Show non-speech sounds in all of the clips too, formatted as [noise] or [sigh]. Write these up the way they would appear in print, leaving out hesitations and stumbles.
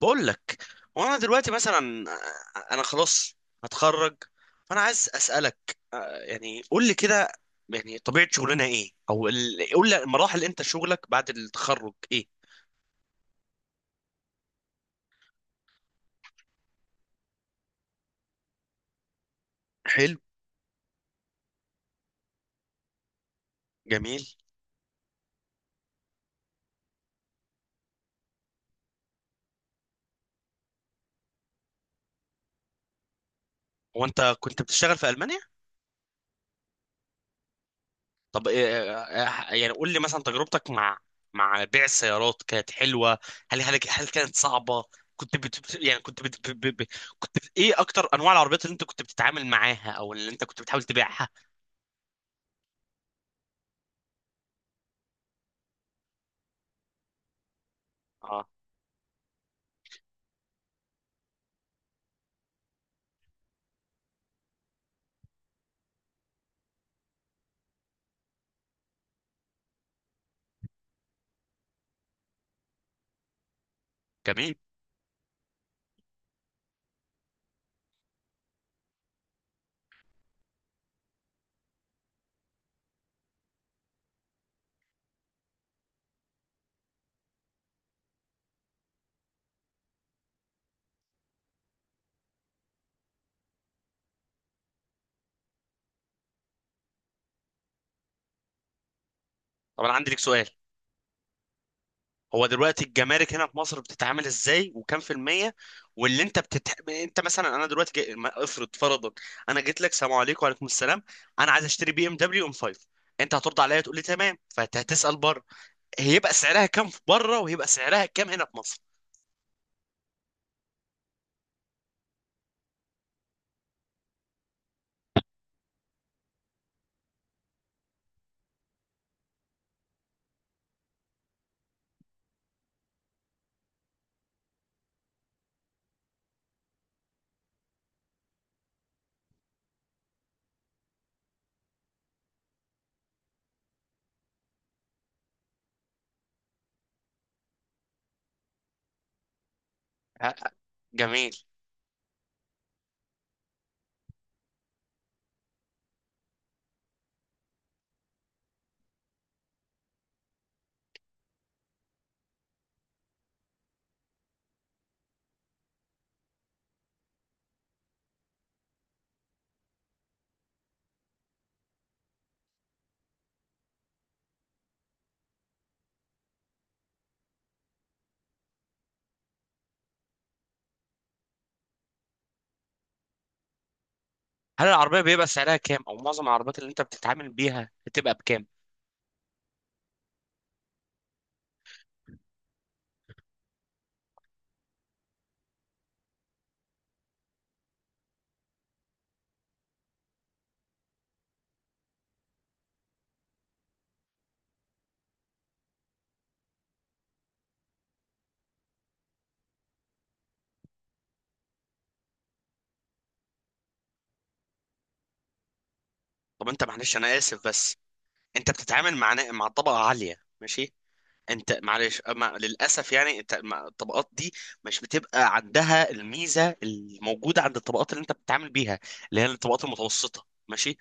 بقول لك. وانا دلوقتي مثلا، انا خلاص هتخرج. فانا عايز اسالك، يعني قول لي كده، يعني طبيعه شغلنا ايه، او قول لي مراحل انت شغلك بعد التخرج ايه؟ حلو. جميل. هو انت كنت بتشتغل في المانيا؟ طب إيه، يعني قول لي مثلا تجربتك مع بيع السيارات كانت حلوه. هل كانت صعبه؟ كنت بت بت- يعني كنت بت ب- ب- ب- كنت بت- ايه اكتر انواع العربيات اللي انت كنت بتتعامل معاها، او اللي انت كنت بتحاول تبيعها؟ اه. جميل. طب انا عندي لك سؤال. هو دلوقتي الجمارك هنا في مصر بتتعامل ازاي وكام في المية؟ انت مثلا، انا دلوقتي جاي... ما- افرض فرضا انا جيت لك سلام عليكم، وعليكم السلام. انا عايز اشتري بي ام دبليو ام 5. انت هترد عليا تقول لي تمام فهتسأل بره. هيبقى سعرها كام في بره، وهيبقى سعرها كام هنا في مصر؟ ه- جميل. هل العربية بيبقى سعرها كام، او معظم العربيات اللي انت بتتعامل بيها بتبقى بكام؟ طب انت معلش انا اسف بس. انت بتتعامل مع مع طبقة عالية ماشي. انت معلش، ما للاسف يعني انت الطبقات دي مش بتبقى عندها الميزه الموجوده عند الطبقات اللي انت بتتعامل بيها، اللي هي الطبقات المتوسطه ماشي،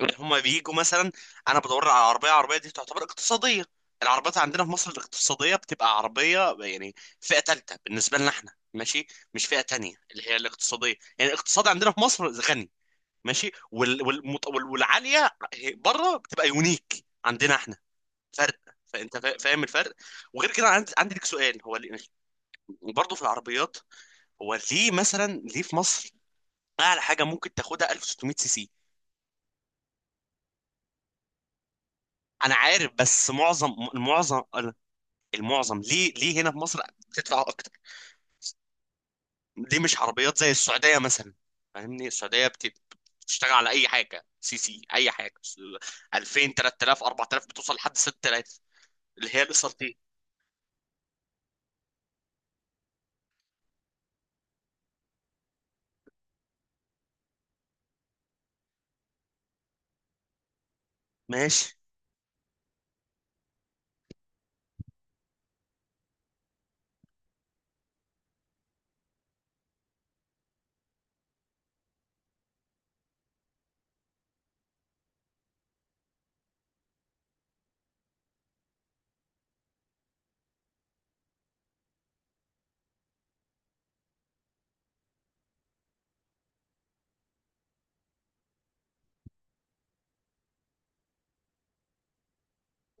اللي هم بيجوا مثلا. انا بدور على عربيه، عربيه دي تعتبر اقتصاديه. العربيات عندنا في مصر الاقتصاديه بتبقى عربيه يعني فئه ثالثه بالنسبه لنا احنا ماشي. مش فئه تانية اللي هي الاقتصاديه، يعني الاقتصاد عندنا في مصر غني ماشي. والعاليه بره بتبقى يونيك عندنا احنا. فرق. فانت فاهم الفرق. وغير كده عندي ليك سؤال. هو يعني برضه في العربيات، هو ليه مثلا، ليه في مصر اعلى حاجه ممكن تاخدها 1600 سي سي؟ انا عارف بس معظم المعظم، ليه ليه هنا في مصر بتدفع اكتر؟ ليه مش عربيات زي السعوديه مثلا؟ فاهمني، السعوديه بتشتغل على اي حاجه سي سي، اي حاجه، 2000، 3000، 4000، بتوصل لحد 6000، اللي هي الاس ار تي. ماشي،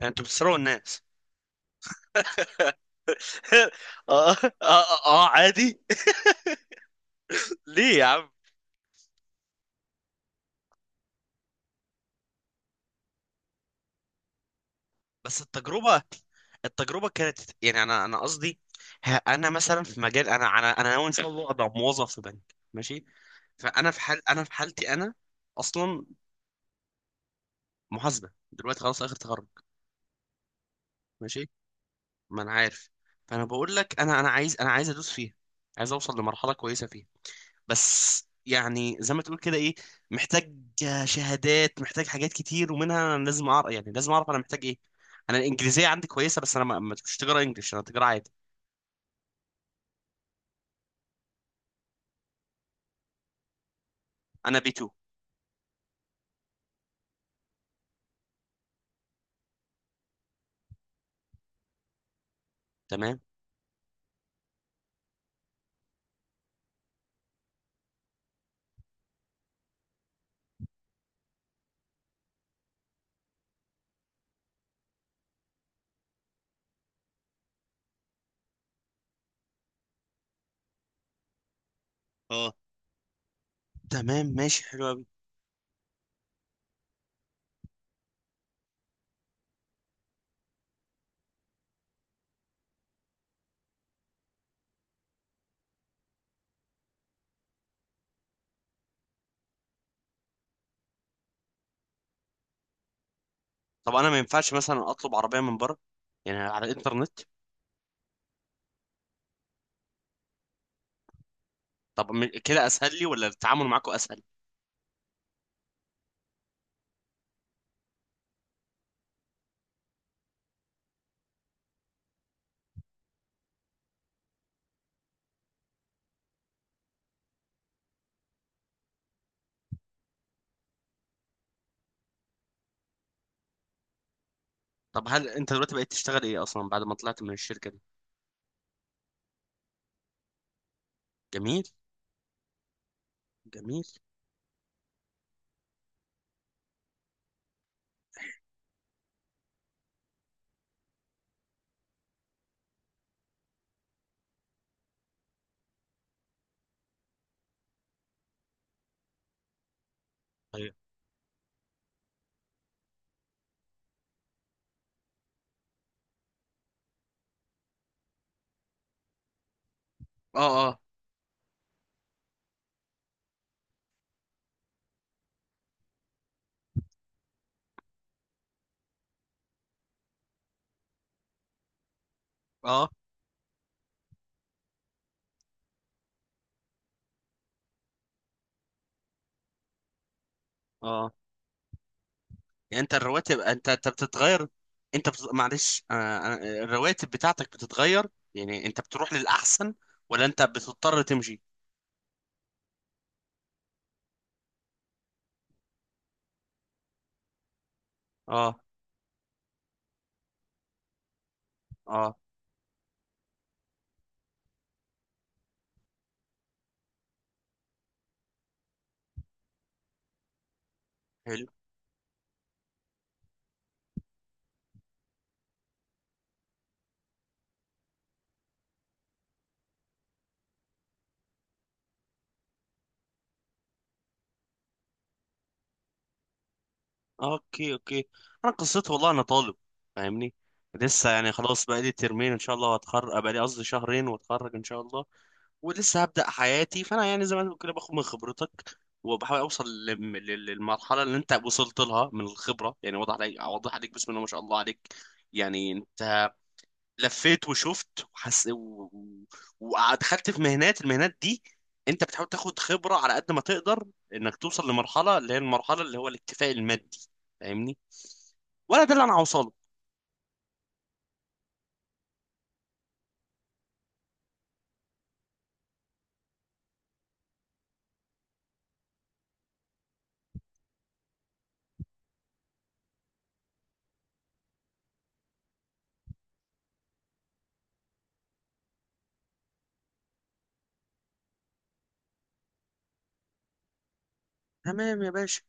يعني انتوا بتسرقوا الناس. [laughs] اه، اه، اه، عادي. ليه يا عم؟ بس التجربة، التجربة كانت يعني، انا قصدي، انا مثلا في مجال، انا ناوي ان شاء الله ابقى موظف في بنك ماشي. فانا في حال انا في حالتي انا اصلا محاسبة دلوقتي، خلاص اخر تخرج. ماشي، ما انا عارف. فانا بقول لك، انا عايز ادوس فيها، عايز اوصل لمرحلة كويسة فيها. بس يعني زي ما تقول كده، ايه؟ محتاج شهادات، محتاج حاجات كتير، ومنها انا لازم اعرف، يعني لازم اعرف انا محتاج ايه. انا الانجليزيه عندي كويسه، بس انا مش تجاره انجلش، انا تجاره عادي. انا بي 2. تمام. اه، تمام ماشي، حلو قوي. طب انا ما ينفعش مثلا اطلب عربيه من بره؟ يعني على الانترنت؟ طب كده اسهل لي ولا التعامل معاكم اسهل؟ طب هل انت دلوقتي بقيت تشتغل ايه اصلا بعد ما طلعت من الشركه دي؟ جميل. جميل. طيب. اه. اه. اه. اه. يعني انت الرواتب، انت بتتغير، انت بت... معلش، الرواتب بتاعتك بتتغير، يعني انت بتروح للاحسن، ولا انت بتضطر تمشي؟ اه. اه. حلو. اوكي، اوكي. انا قصتي والله، انا طالب فاهمني، لسه يعني خلاص بقى لي ترمين ان شاء الله هتخرج، بقى لي قصدي شهرين واتخرج ان شاء الله. ولسه هبدأ حياتي. فانا يعني زي ما تقول كده باخد من خبرتك وبحاول اوصل للمرحله اللي انت وصلت لها من الخبره. يعني واضح عليك، واضح عليك، بسم الله ما شاء الله عليك. يعني انت لفيت وشفت وحس ودخلت في مهنات، المهنات دي انت بتحاول تاخد خبره على قد ما تقدر، انك توصل لمرحله اللي هي المرحله اللي هو الاكتفاء المادي، فاهمني؟ ولا ده اللي انا هوصله؟ تمام يا باشا.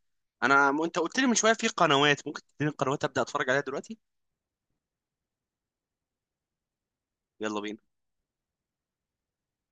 انا انت قلت لي من شويه في قنوات، ممكن تديني القنوات ابدا اتفرج عليها دلوقتي. يلا بينا.